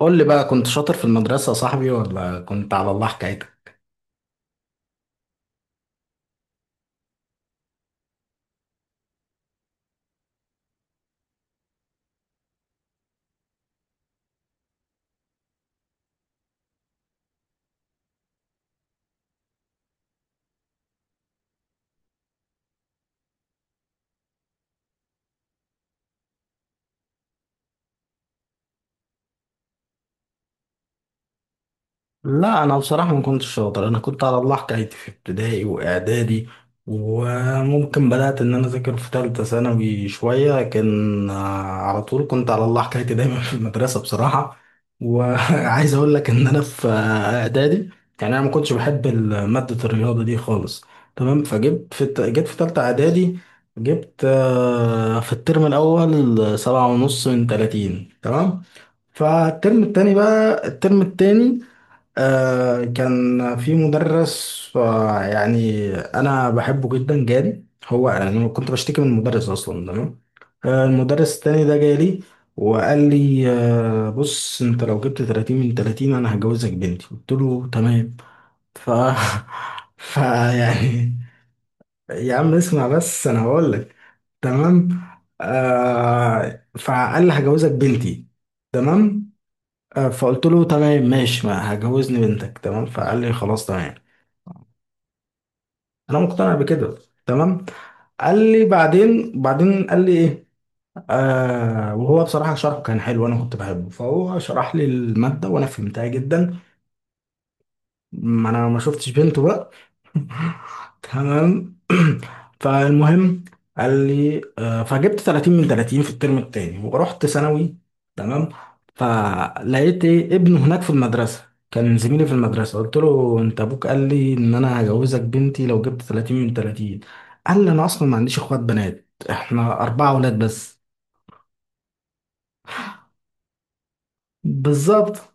قول لي بقى، كنت شاطر في المدرسة يا صاحبي ولا كنت على الله حكايتك؟ لا، انا بصراحه ما كنتش شاطر، انا كنت على الله حكايتي في ابتدائي واعدادي. وممكن بدات ان انا اذاكر في ثالثه ثانوي شويه، لكن على طول كنت على الله حكايتي دايما في المدرسه بصراحه. وعايز اقول لك ان انا في اعدادي. يعني انا ما كنتش بحب ماده الرياضه دي خالص، تمام. جيت في ثالثه اعدادي، جبت في الترم الاول سبعة ونص من 30، تمام. فالترم التاني بقى الترم التاني، كان في مدرس، يعني انا بحبه جدا، جالي. هو انا كنت بشتكي من المدرس اصلا، تمام. المدرس التاني ده جالي، وقال لي: بص، انت لو جبت 30 من 30 انا هجوزك بنتي. قلت له: تمام. ف ف يعني يا عم اسمع بس انا هقول لك، تمام. فقال لي: هجوزك بنتي، تمام. فقلت له: تمام ماشي، ما هجوزني بنتك، تمام. فقال لي: خلاص، تمام. انا مقتنع بكده، تمام. قال لي بعدين، بعدين قال لي ايه، وهو بصراحة شرحه كان حلو، انا كنت بحبه، فهو شرح لي المادة وانا فهمتها جدا. ما انا ما شفتش بنته بقى، تمام. فالمهم قال لي فجبت 30 من 30 في الترم التاني ورحت ثانوي، تمام. فلقيت ابنه هناك في المدرسة، كان زميلي في المدرسة. قلت له: انت ابوك قال لي ان انا هجوزك بنتي لو جبت 30 من 30. قال لي: انا اصلا ما عنديش اخوات بنات، احنا اربعة اولاد بس. بالظبط.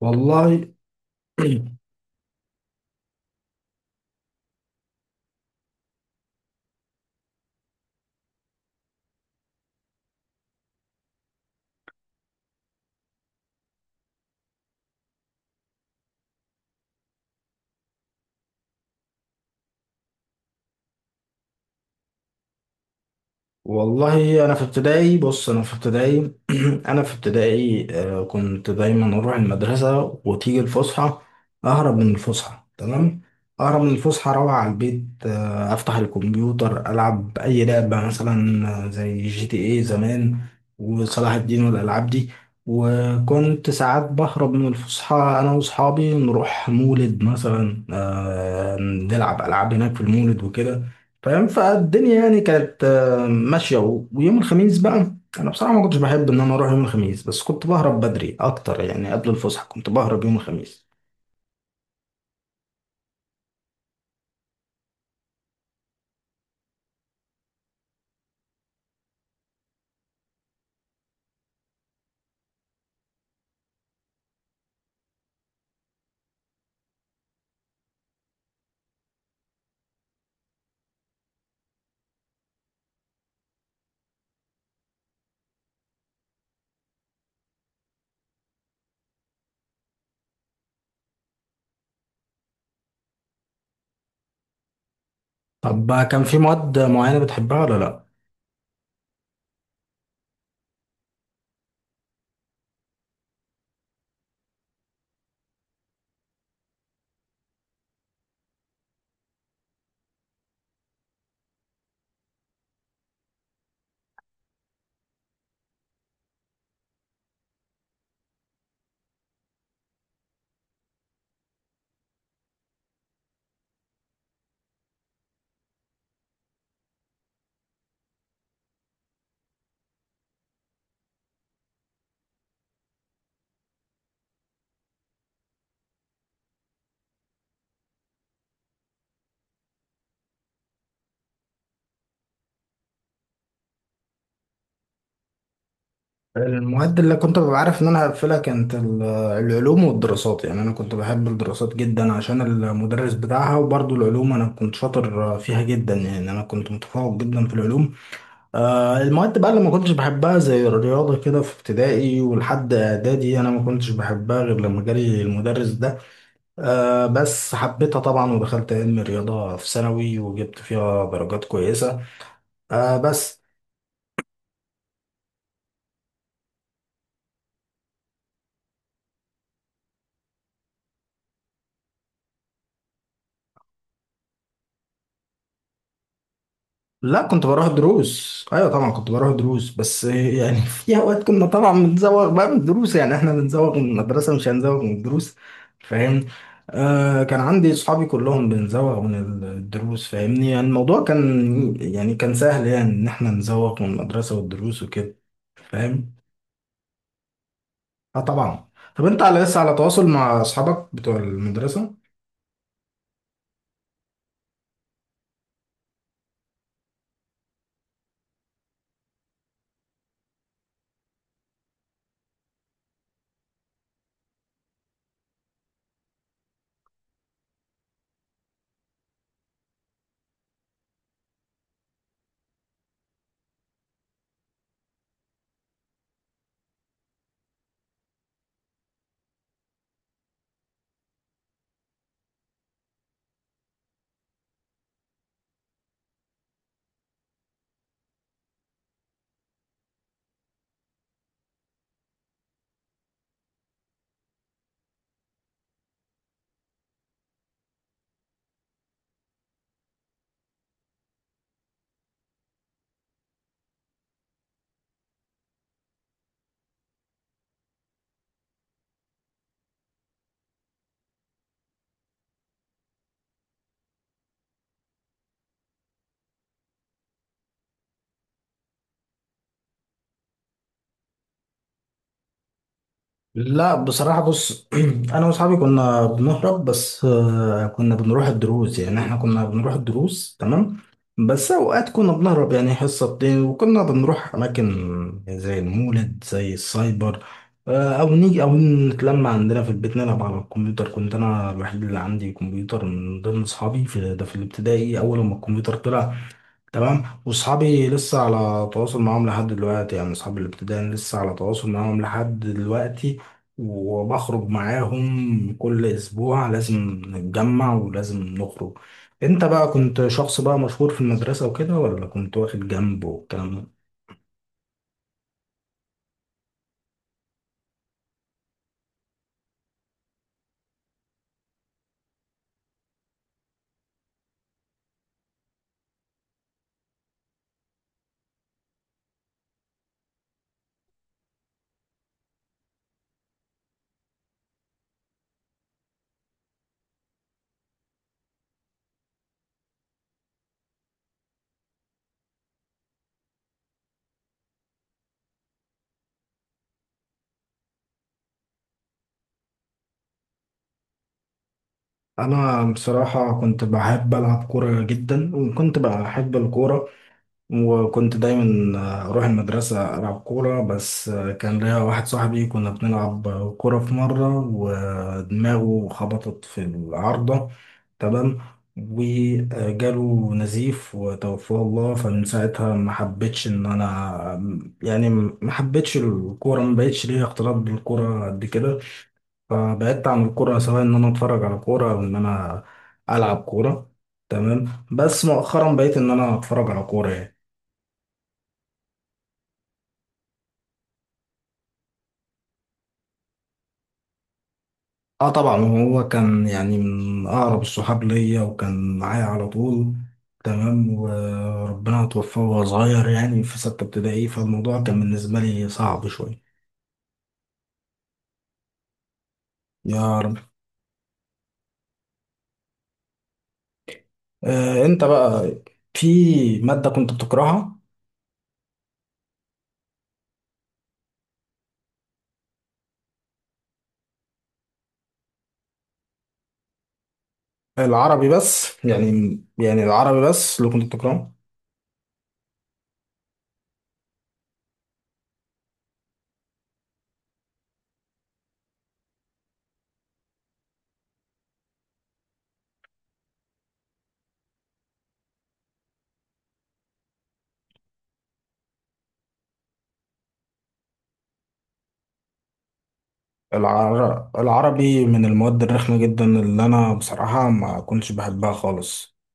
والله. والله انا في ابتدائي بص انا في ابتدائي. انا في ابتدائي، كنت دايما اروح المدرسه وتيجي الفسحه، اهرب من الفسحه، تمام. اهرب من الفسحه اروح على البيت، افتح الكمبيوتر العب اي لعبه، مثلا زي جي تي اي زمان، وصلاح الدين والالعاب دي. وكنت ساعات بهرب من الفسحه انا واصحابي، نروح مولد مثلا، نلعب العاب هناك في المولد وكده، فاهم؟ فالدنيا يعني كانت ماشية، ويوم الخميس بقى أنا بصراحة ما كنتش بحب إن أنا أروح يوم الخميس، بس كنت بهرب بدري أكتر، يعني قبل الفسحة كنت بهرب يوم الخميس. طب بقى كان في مواد معينة بتحبها ولا لأ؟ المواد اللي كنت ببقى عارف إن أنا هقفلها كانت العلوم والدراسات. يعني أنا كنت بحب الدراسات جدا عشان المدرس بتاعها، وبرضه العلوم أنا كنت شاطر فيها جدا، يعني أنا كنت متفوق جدا في العلوم. المواد بقى اللي ما كنتش بحبها زي الرياضة كده في ابتدائي ولحد إعدادي، أنا ما كنتش بحبها غير لما جالي المدرس ده. بس حبيتها طبعا، ودخلت علم رياضة في ثانوي وجبت فيها درجات كويسة. آه بس لا، كنت بروح دروس، ايوه طبعا كنت بروح دروس، بس يعني في اوقات كنا طبعا بنزوغ بقى من الدروس. يعني احنا بنزوغ من المدرسة مش هنزوغ من الدروس، فاهم؟ كان عندي صحابي كلهم بنزوغ من الدروس، فاهمني؟ يعني الموضوع كان، يعني كان سهل، يعني ان احنا نزوغ من المدرسة والدروس وكده، فاهم؟ اه طبعا. طب انت لسه على تواصل مع اصحابك بتوع المدرسة؟ لا بصراحة، بص أنا وأصحابي كنا بنهرب، بس كنا بنروح الدروس، يعني إحنا كنا بنروح الدروس، تمام. بس أوقات كنا بنهرب يعني حصة بتاع، وكنا بنروح أماكن زي المولد، زي السايبر، أو نيجي أو نتلم عندنا في البيت نلعب على الكمبيوتر. كنت أنا الوحيد اللي عندي كمبيوتر من ضمن أصحابي في ده، في الابتدائي، أول ما الكمبيوتر طلع، تمام. واصحابي لسه على تواصل معاهم لحد دلوقتي، يعني اصحابي الابتدائي أنا لسه على تواصل معاهم لحد دلوقتي، وبخرج معاهم كل اسبوع، لازم نتجمع ولازم نخرج. انت بقى كنت شخص مشهور في المدرسة وكده، ولا كنت واخد جنب والكلام ده؟ انا بصراحة كنت بحب العب كورة جدا، وكنت بحب الكورة، وكنت دايما اروح المدرسة العب كورة. بس كان ليا واحد صاحبي كنا بنلعب كورة في مرة، ودماغه خبطت في العارضة، تمام، وجاله نزيف وتوفاه الله. فمن ساعتها ما حبيتش ان انا يعني ما حبيتش الكورة، ما بقتش ليا اختلاط بالكورة قد كده. فبعدت عن الكورة، سواء ان انا اتفرج على كورة او ان انا العب كورة، تمام. بس مؤخرا بقيت ان انا اتفرج على كورة يعني. اه طبعا، هو كان يعني من اقرب الصحاب ليا، وكان معايا على طول، تمام. وربنا توفاه وهو صغير، يعني في ستة ابتدائي، فالموضوع كان بالنسبة لي صعب شوية. يا رب. انت بقى في مادة كنت بتكرهها؟ العربي بس يعني، يعني العربي بس اللي كنت بتكرهه؟ العربي من المواد الرخمة جدا، اللي انا بصراحة ما كنتش بحبها خالص.